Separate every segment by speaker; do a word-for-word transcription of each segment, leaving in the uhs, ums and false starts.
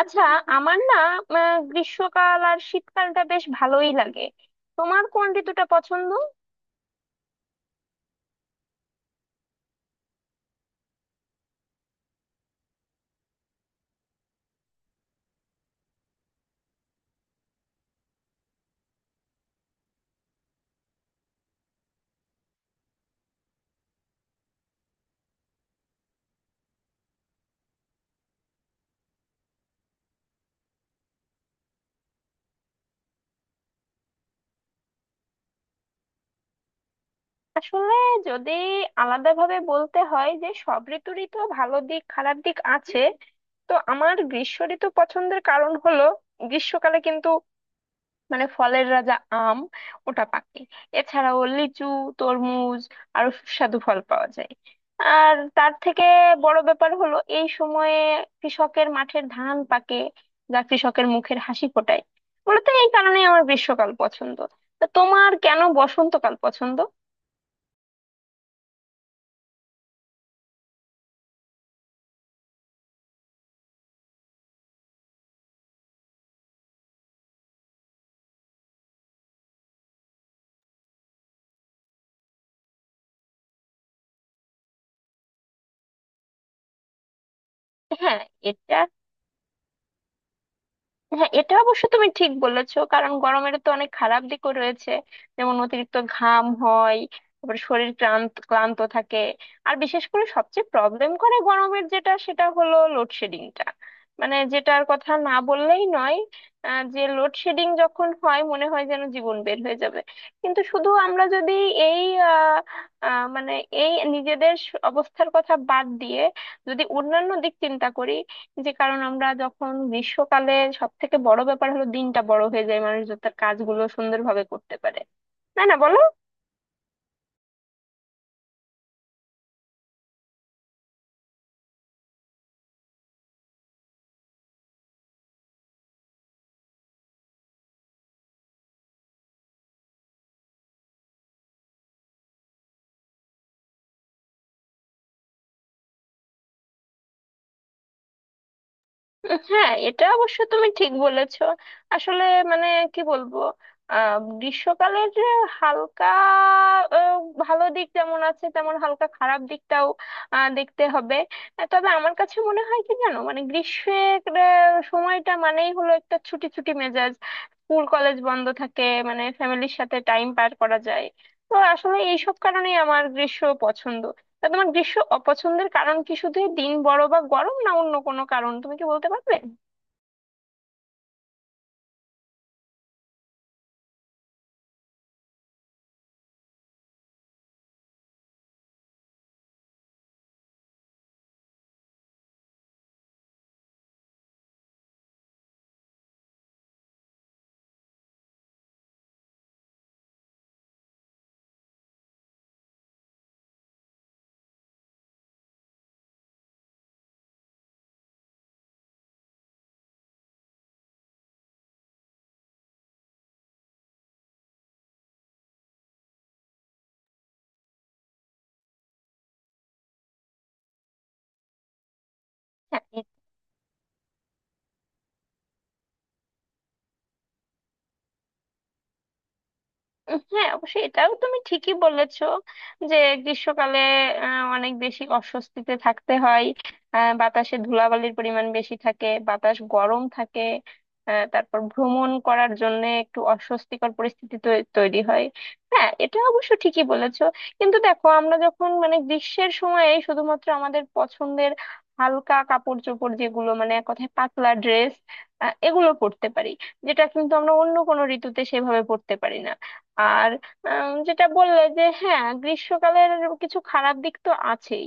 Speaker 1: আচ্ছা। আমার না, আহ, গ্রীষ্মকাল আর শীতকালটা বেশ ভালোই লাগে। তোমার কোন ঋতুটা পছন্দ? আসলে যদি আলাদাভাবে বলতে হয় যে সব ঋতুরই তো ভালো দিক খারাপ দিক আছে। তো আমার গ্রীষ্ম ঋতু পছন্দের কারণ হলো, গ্রীষ্মকালে কিন্তু মানে ফলের রাজা আম, ওটা পাকে। এছাড়াও লিচু, তরমুজ, আরো সুস্বাদু ফল পাওয়া যায়। আর তার থেকে বড় ব্যাপার হলো, এই সময়ে কৃষকের মাঠের ধান পাকে, যা কৃষকের মুখের হাসি ফোটায়। মূলত এই কারণেই আমার গ্রীষ্মকাল পছন্দ। তা তোমার কেন বসন্তকাল পছন্দ? হ্যাঁ এটা হ্যাঁ, এটা অবশ্য তুমি ঠিক বলেছো, কারণ গরমের তো অনেক খারাপ দিকও রয়েছে। যেমন অতিরিক্ত ঘাম হয়, তারপর শরীর ক্লান্ত ক্লান্ত থাকে। আর বিশেষ করে সবচেয়ে প্রবলেম করে গরমের যেটা, সেটা হলো লোডশেডিংটা, মানে যেটার কথা না বললেই নয়। আহ, যে লোডশেডিং যখন হয় মনে হয় যেন জীবন বের হয়ে যাবে। কিন্তু শুধু আমরা যদি এই আহ, আহ, মানে এই নিজেদের স- অবস্থার কথা বাদ দিয়ে যদি অন্যান্য দিক চিন্তা করি, যে কারণ আমরা যখন গ্রীষ্মকালে, সব থেকে বড় ব্যাপার হলো দিনটা বড় হয়ে যায়, মানুষ যাতে তার কাজগুলো সুন্দরভাবে করতে পারে। তাই না, বলো? হ্যাঁ, এটা অবশ্য তুমি ঠিক বলেছো। আসলে মানে কি বলবো, আহ গ্রীষ্মকালের যে হালকা আহ, ভালো দিক যেমন আছে তেমন হালকা খারাপ দিকটাও আহ, দেখতে হবে। আহ, তবে আমার কাছে মনে হয় কি জানো, মানে গ্রীষ্মের আহ, সময়টা মানেই হলো একটা ছুটি ছুটি মেজাজ। স্কুল কলেজ বন্ধ থাকে, মানে ফ্যামিলির সাথে টাইম পার করা যায়। তো আসলে এইসব কারণেই আমার গ্রীষ্ম পছন্দ। তা তোমার গ্রীষ্ম অপছন্দের কারণ কি শুধু এই দিন বড় বা গরম, না অন্য কোনো কারণ? তুমি কি বলতে পারবে? হ্যাঁ, হ্যাঁ, অবশ্যই এটাও তুমি ঠিকই বলেছো যে গ্রীষ্মকালে আহ, অনেক বেশি অস্বস্তিতে থাকতে হয়। আহ, বাতাসে ধুলাবালির পরিমাণ বেশি থাকে, বাতাস গরম থাকে। আহ, তারপর ভ্রমণ করার জন্য একটু অস্বস্তিকর পরিস্থিতি তৈ- তৈরি হয়। হ্যাঁ, এটা অবশ্য ঠিকই বলেছো। কিন্তু দেখো আমরা যখন মানে গ্রীষ্মের সময়ে শুধুমাত্র আমাদের পছন্দের হালকা কাপড় চোপড়, যেগুলো মানে এক কথায় পাতলা ড্রেস, এগুলো পরতে পারি, যেটা কিন্তু আমরা অন্য কোনো ঋতুতে সেভাবে পরতে পারি না। আর আহ, যেটা বললে যে হ্যাঁ গ্রীষ্মকালের কিছু খারাপ দিক তো আছেই,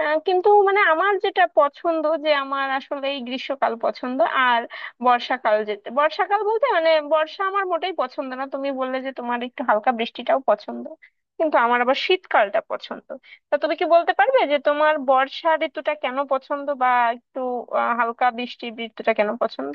Speaker 1: আহ, কিন্তু মানে আমার যেটা পছন্দ, যে আমার আসলে এই গ্রীষ্মকাল পছন্দ। আর বর্ষাকাল যেতে বর্ষাকাল বলতে মানে বর্ষা আমার মোটেই পছন্দ না। তুমি বললে যে তোমার একটু হালকা বৃষ্টিটাও পছন্দ, কিন্তু আমার আবার শীতকালটা পছন্দ। তা তুমি কি বলতে পারবে যে তোমার বর্ষা ঋতুটা কেন পছন্দ, বা একটু আহ, হালকা বৃষ্টি ঋতুটা কেন পছন্দ?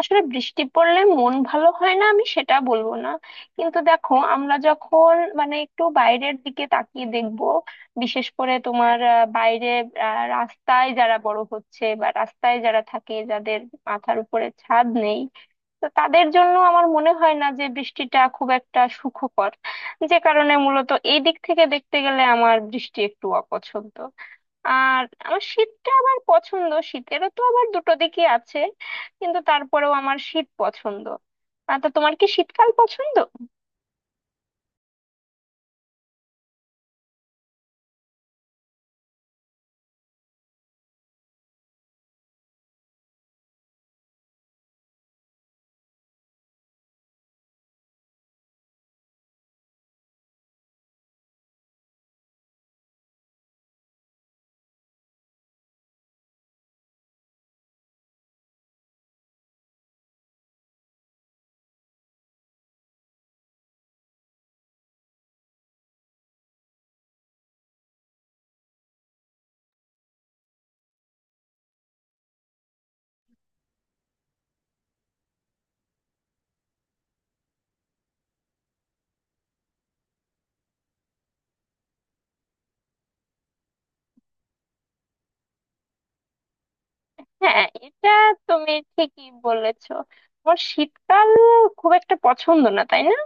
Speaker 1: আসলে বৃষ্টি পড়লে মন ভালো হয় না আমি সেটা বলবো না। কিন্তু দেখো আমরা যখন মানে একটু বাইরের দিকে তাকিয়ে দেখব, বিশেষ করে তোমার আহ, বাইরে আহ, রাস্তায় যারা বড় হচ্ছে বা রাস্তায় যারা থাকে, যাদের মাথার উপরে ছাদ নেই, তো তাদের জন্য আমার মনে হয় না যে বৃষ্টিটা খুব একটা সুখকর। যে কারণে মূলত এই দিক থেকে দেখতে গেলে আমার বৃষ্টি একটু অপছন্দ। আর আমার শীতটা আবার পছন্দ। শীতেরও তো আবার দুটো দিকই আছে, কিন্তু তারপরেও আমার শীত পছন্দ। আহ, তা তোমার কি শীতকাল পছন্দ? হ্যাঁ, এটা তুমি ঠিকই বলেছো। আমার শীতকাল খুব একটা পছন্দ না, তাই না?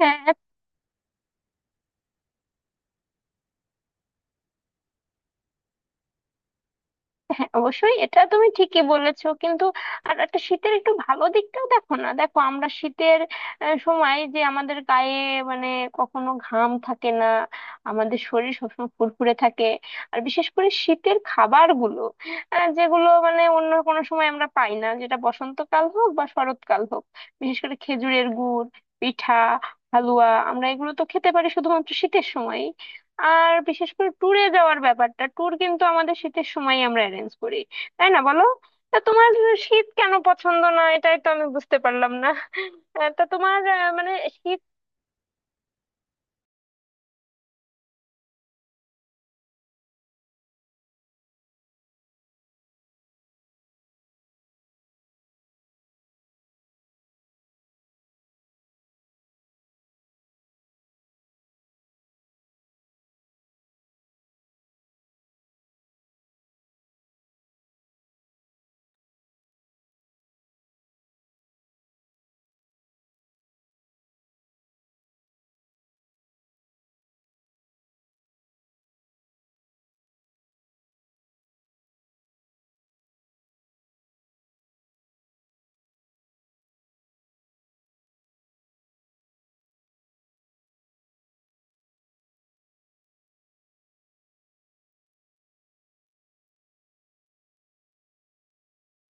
Speaker 1: হ্যাঁ, হ্যাঁ, অবশ্যই এটা তুমি ঠিকই বলেছো, কিন্তু আর একটা শীতের একটু ভালো দিকটাও দেখো না, দেখো আমরা শীতের আহ, সময় যে আমাদের গায়ে মানে কখনো ঘাম থাকে না, আমাদের শরীর সবসময় ফুরফুরে থাকে। আর বিশেষ করে শীতের খাবারগুলো, আহ, যেগুলো মানে অন্য কোনো সময় আমরা পাই না, যেটা বসন্তকাল হোক বা শরৎকাল হোক। বিশেষ করে খেজুরের গুড়, পিঠা, হালুয়া, আমরা এগুলো তো খেতে পারি শুধুমাত্র শীতের সময়। আর বিশেষ করে ট্যুরে যাওয়ার ব্যাপারটা, ট্যুর কিন্তু আমাদের শীতের সময় আমরা অ্যারেঞ্জ করি। তাই না, বলো? তা তোমার শীত কেন পছন্দ না, এটাই তো আমি বুঝতে পারলাম না। আহ, তা তোমার আহ, মানে শীত।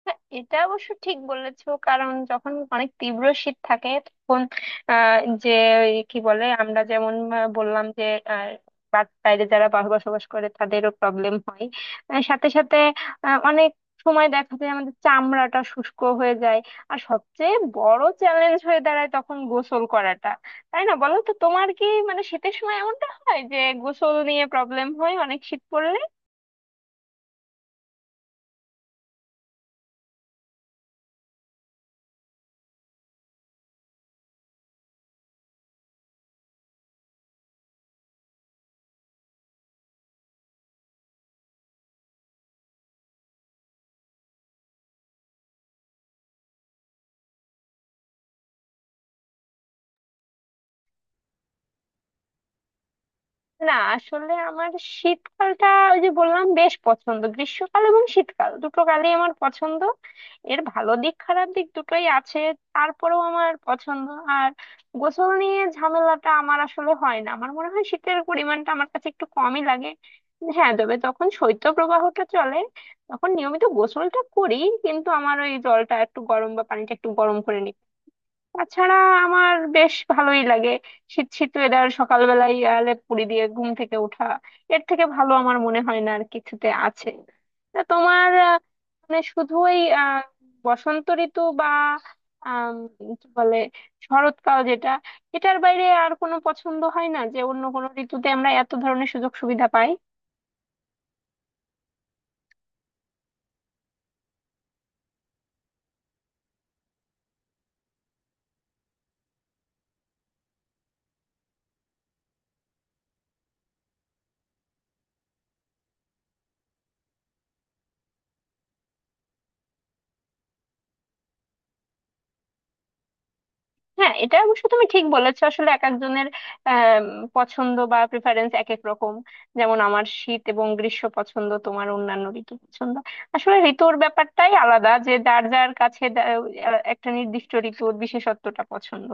Speaker 1: হ্যাঁ, এটা অবশ্য ঠিক বলেছো, কারণ যখন অনেক তীব্র শীত থাকে তখন আহ, যে ওই কি বলে আমরা যেমন আহ, বললাম যে আহ, বা- বাইরে যারা বা- বসবাস করে তাদেরও প্রবলেম হয়। আহ, সাথে সাথে আহ, অনেক সময় দেখা যায় আমাদের চামড়াটা শুষ্ক হয়ে যায়। আর সবচেয়ে বড় চ্যালেঞ্জ হয়ে দাঁড়ায় তখন গোসল করাটা। তাই না, বলো? তো তোমার কি মানে শীতের সময় এমনটা হয় যে গোসল নিয়ে প্রবলেম হয় অনেক শীত পড়লে? না, আসলে আমার শীতকালটা ওই যে বললাম বেশ পছন্দ। গ্রীষ্মকাল এবং শীতকাল দুটো কালই আমার পছন্দ। এর ভালো দিক খারাপ দিক দুটোই আছে, তারপরেও আমার পছন্দ। আর গোসল নিয়ে ঝামেলাটা আমার আসলে হয় না। আমার মনে হয় শীতের পরিমাণটা আমার কাছে একটু কমই লাগে। হ্যাঁ, তবে তখন শৈত্যপ্রবাহটা চলে, তখন নিয়মিত গোসলটা করি, কিন্তু আমার ওই জলটা একটু গরম বা পানিটা একটু গরম করে নিই। তাছাড়া আমার বেশ ভালোই লাগে শীত শীত ওয়েদার, সকালবেলায় লেপ মুড়ি দিয়ে ঘুম থেকে ওঠা। এর থেকে ভালো আমার মনে হয় না আর কিছুতে আছে। তা তোমার আহ, মানে শুধু ওই আহ, বসন্ত ঋতু বা আম, কি বলে শরৎকাল, যেটা এটার বাইরে আর কোনো পছন্দ হয় না? যে অন্য কোনো ঋতুতে আমরা এত ধরনের সুযোগ সুবিধা পাই? হ্যাঁ, এটা অবশ্য তুমি ঠিক বলেছো। আসলে এক একজনের আম, পছন্দ বা প্রেফারেন্স এক এক রকম। যেমন আমার শীত এবং গ্রীষ্ম পছন্দ, তোমার অন্যান্য ঋতু পছন্দ। আসলে ঋতুর ব্যাপারটাই আলাদা, যে যার যার কাছে দা- একটা নির্দিষ্ট ঋতুর বিশেষত্বটা পছন্দ।